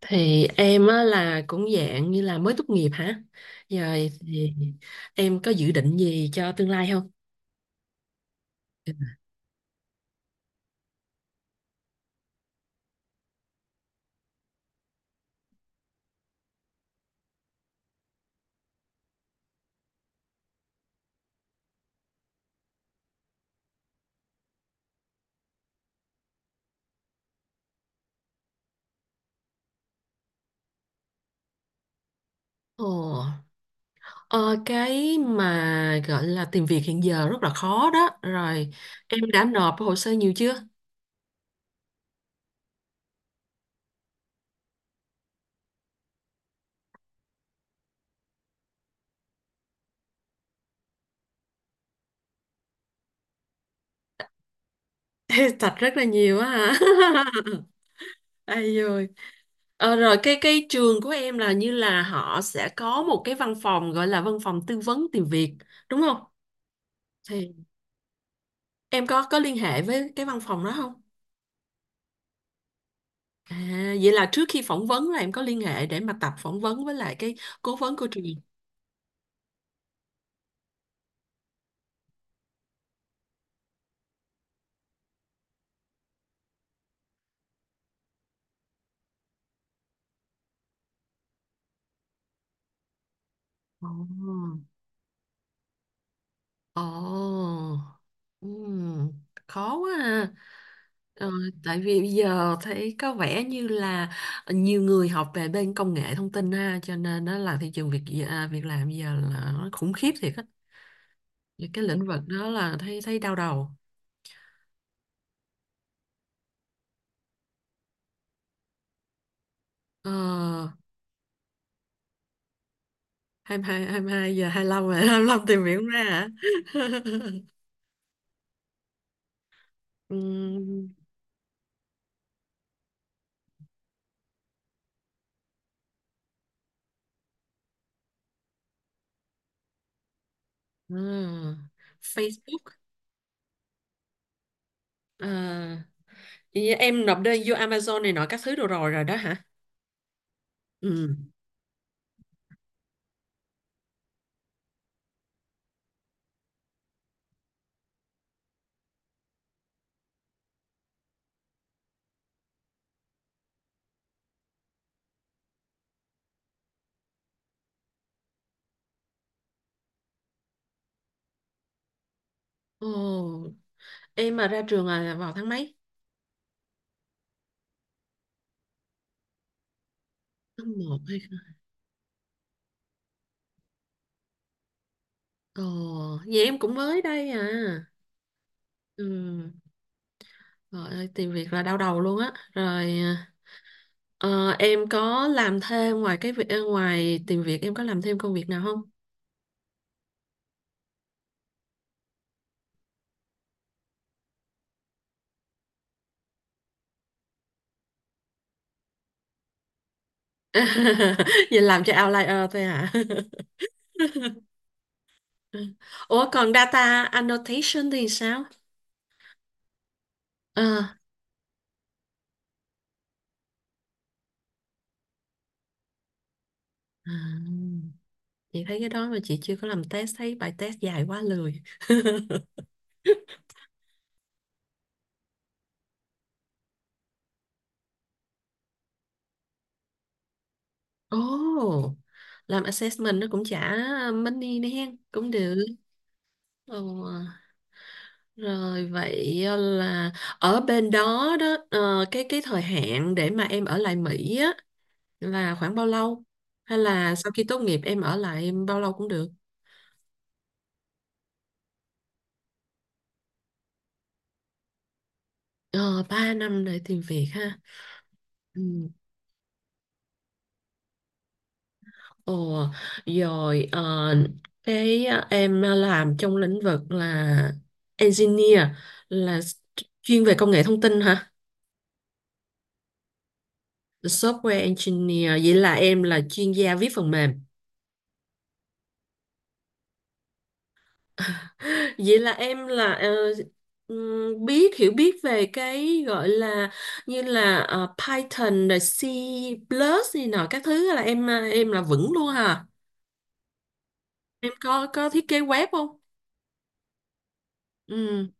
Thì em á là cũng dạng như là mới tốt nghiệp hả? Rồi thì em có dự định gì cho tương lai không? Ồ, ờ, cái mà gọi là tìm việc hiện giờ rất là khó đó. Rồi, em đã nộp hồ sơ nhiều chưa? Thật rất là nhiều á hả? Ai rồi? Rồi cái trường của em là như là họ sẽ có một cái văn phòng gọi là văn phòng tư vấn tìm việc, đúng không? Thì em có liên hệ với cái văn phòng đó không? À, vậy là trước khi phỏng vấn là em có liên hệ để mà tập phỏng vấn với lại cái cố vấn của truyền. Ồ, ồ, ừm, Khó quá ha. Ờ, Tại vì bây giờ thấy có vẻ như là nhiều người học về bên công nghệ thông tin ha, cho nên nó là thị trường việc, à, việc làm bây giờ là nó khủng khiếp thiệt á. Những cái lĩnh vực đó là thấy thấy đau đầu. Ờ, Hai mươi hai hai mươi hai giờ 25 rồi, 25 tìm hiểu ra hả? Ừm, À, Facebook, à, vậy như em nộp đơn vô Amazon này nọ các thứ đồ rồi rồi đó hả? Ừ. Ồ, em mà ra trường là vào tháng mấy? Tháng một hay không? Ồ, vậy em cũng mới đây à. Ừ. Trời ơi, tìm việc là đau đầu luôn á. Rồi ờ, em có làm thêm ngoài cái việc, ngoài tìm việc em có làm thêm công việc nào không? Vậy làm cho outlier thôi hả? Ủa còn data annotation thì sao? Ờ. À. Chị thấy cái đó mà chị chưa có làm test, thấy bài test dài quá lười. Ồ, làm assessment nó cũng trả money nè, cũng được. Ồ, rồi vậy, là ở bên đó đó, cái thời hạn để mà em ở lại Mỹ á là khoảng bao lâu? Hay là sau khi tốt nghiệp em ở lại bao lâu cũng được? Ờ, 3 năm để tìm việc ha. Ừ. Ồ, rồi cái, em làm trong lĩnh vực là engineer là chuyên về công nghệ thông tin hả? Software engineer vậy là em là chuyên gia viết phần mềm. Vậy là em là, biết hiểu biết về cái gọi là như là, Python rồi C plus này nọ các thứ là em, à, em là vững luôn hả? Em có thiết kế web không? Ừ.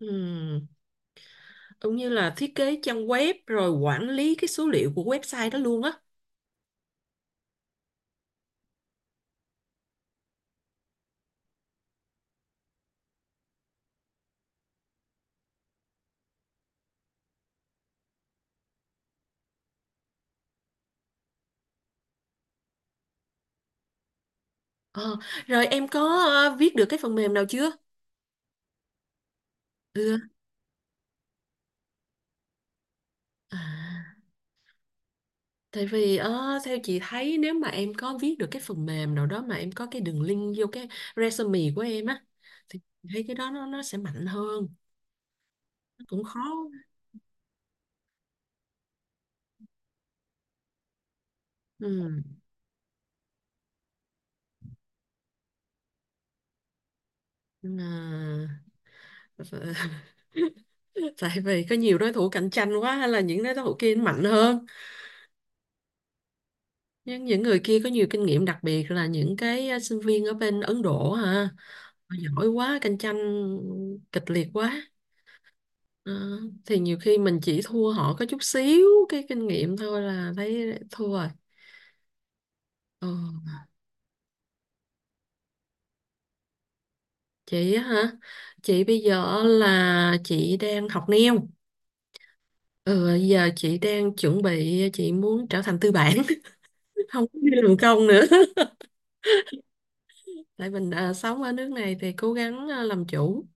Ừ. Cũng như là thiết kế trang web rồi quản lý cái số liệu của website đó luôn á. ờ, Rồi em có viết được cái phần mềm nào chưa? Ừ. À, tại vì theo chị thấy nếu mà em có viết được cái phần mềm nào đó mà em có cái đường link vô cái resume của em á, thì chị thấy cái đó nó sẽ mạnh hơn. Nó cũng khó. Ừ. Nhưng mà tại vì có nhiều đối thủ cạnh tranh quá, hay là những đối thủ kia mạnh hơn. Nhưng những người kia có nhiều kinh nghiệm, đặc biệt là những cái, sinh viên ở bên Ấn Độ hả? Họ giỏi quá, cạnh tranh kịch liệt quá. Ờ, thì nhiều khi mình chỉ thua họ có chút xíu cái kinh nghiệm thôi là thấy thua rồi. Ờ, chị á hả? Chị bây giờ là chị đang học neo. Ừ, giờ chị đang chuẩn bị, chị muốn trở thành tư bản, không có đi làm công nữa. Tại mình, sống ở nước này thì cố gắng, làm chủ.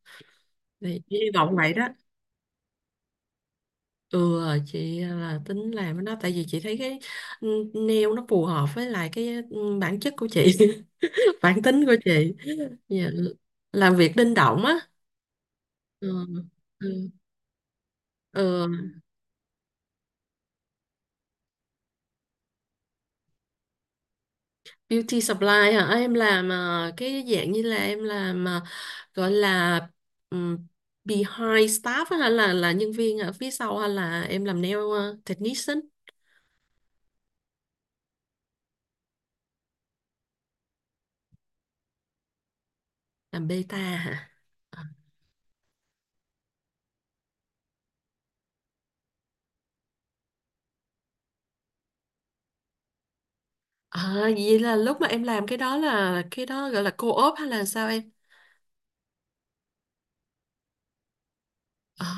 Thì hy vọng vậy đó. Ừ, chị, à, là tính làm cái đó tại vì chị thấy cái, ừ, nail nó phù hợp với lại cái, bản chất của chị, bản tính của chị. Dạ, làm việc linh động á. Ừ. Ừ. Ừ. Beauty supply hả, em làm, cái dạng như là em làm, gọi là, ừm, behind staff á, hay là nhân viên ở phía sau, hay là em làm nail, technician, làm beta hả? À, vậy là lúc mà em làm cái đó là cái đó gọi là co-op hay là sao em? À,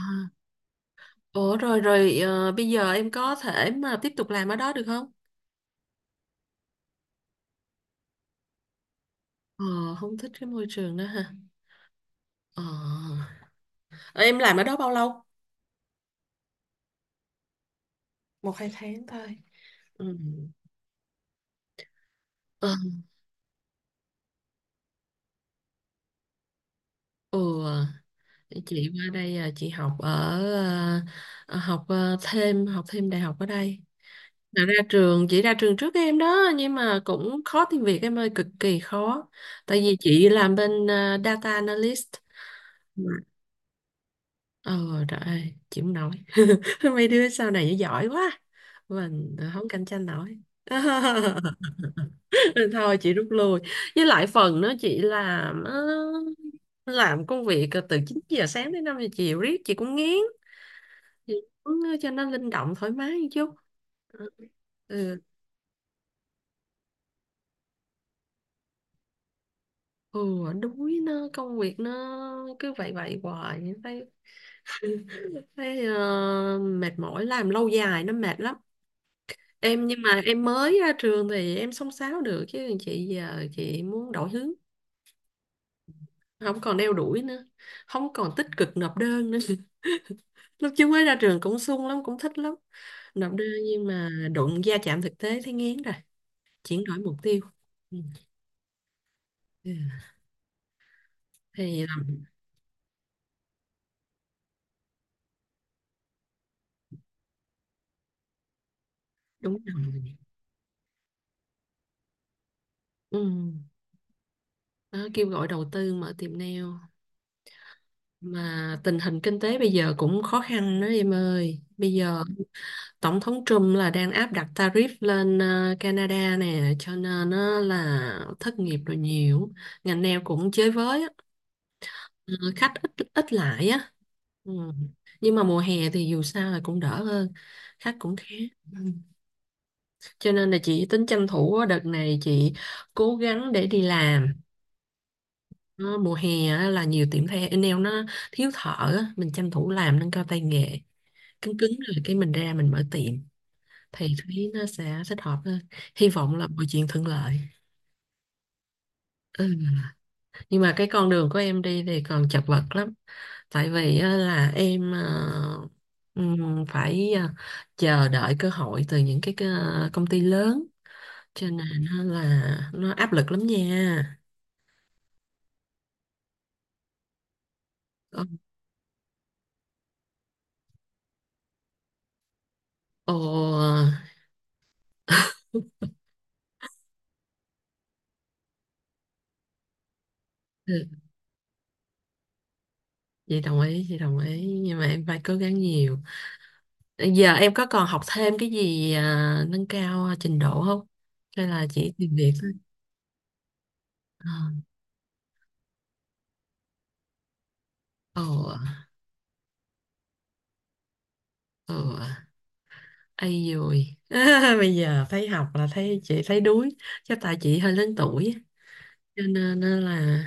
ủa rồi rồi bây giờ em có thể mà tiếp tục làm ở đó được không? Ờ, không thích cái môi trường đó ha. Ờ, ờ, em làm ở đó bao lâu? Một hai tháng thôi. Ừ. Ờ, ừ, để chị qua đây, chị học ở, ờ, học, ờ, thêm học thêm đại học ở đây. Là ra trường, chị ra trường trước em đó, nhưng mà cũng khó tìm việc em ơi, cực kỳ khó. Tại vì chị làm bên, data analyst. Ừ. Ờ, trời ơi, chịu không nổi. Mấy đứa sau này giỏi quá. Mình không cạnh tranh nổi. Nên thôi chị rút lui. Với lại phần nó chị làm, làm công việc từ 9 giờ sáng đến 5 giờ chiều riết chị cũng ngán. Chị muốn cho nó linh động thoải mái một chút. Ờ, Ừ, ừ đuối, nó công việc nó cứ vậy vậy hoài thấy, thấy, mệt mỏi, làm lâu dài nó mệt lắm em, nhưng mà em mới ra trường thì em xông xáo được, chứ chị giờ chị muốn đổi hướng, không còn đeo đuổi nữa, không còn tích cực nộp đơn nữa. Lúc trước mới ra trường cũng sung lắm, cũng thích lắm nộp đơn, nhưng mà đụng va chạm thực tế thấy ngán rồi, chuyển đổi mục tiêu. Ừ. Ừ. Thì làm. Đúng rồi. Ừ. Đó, kêu gọi đầu tư mở tiệm nail, mà tình hình kinh tế bây giờ cũng khó khăn đó em ơi, bây giờ Tổng thống Trump là đang áp đặt tarif lên, Canada nè, cho nên, là thất nghiệp rồi nhiều. Ngành nail cũng chới với á. Ờ, khách ít ít lại á. Ừ. Nhưng mà mùa hè thì dù sao là cũng đỡ hơn, khách cũng khá. Ừ. Cho nên là chị tính tranh thủ á, đợt này chị cố gắng để đi làm. Ờ, mùa hè á, là nhiều tiệm thay nail nó thiếu thợ á, mình tranh thủ làm nâng cao tay nghề. Cứng cứng rồi cái mình ra mình mở tiệm. Thì Thúy nó sẽ thích hợp hơn, hy vọng là mọi chuyện thuận lợi. Ừ. Nhưng mà cái con đường của em đi thì còn chật vật lắm, tại vì á, là em, phải, chờ đợi cơ hội từ những cái công ty lớn, cho nên á là nó áp lực lắm nha. Ồ, ồ, ừ, Chị đồng ý, chị đồng ý. Nhưng mà em phải cố gắng nhiều. Giờ em có còn học thêm cái gì, à, nâng cao trình độ không? Hay là chỉ tìm việc thôi? Ờ. ồ ồ Ai rồi. Bây giờ thấy học là thấy chị thấy đuối, chắc tại chị hơi lớn tuổi á, cho nên á là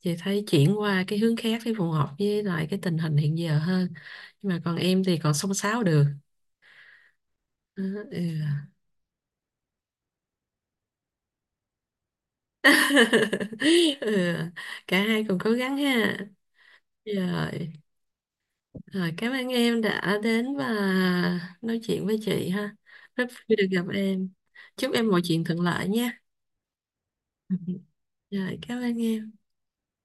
chị thấy chuyển qua cái hướng khác để phù hợp với lại cái tình hình hiện giờ hơn, nhưng mà còn em thì còn xông xáo được. Ờ, ừ. Ừ. Cả hai cùng cố gắng ha. Rồi rồi cảm ơn em đã đến và nói chuyện với chị ha, rất vui được gặp em, chúc em mọi chuyện thuận lợi nha. Rồi, cảm ơn em.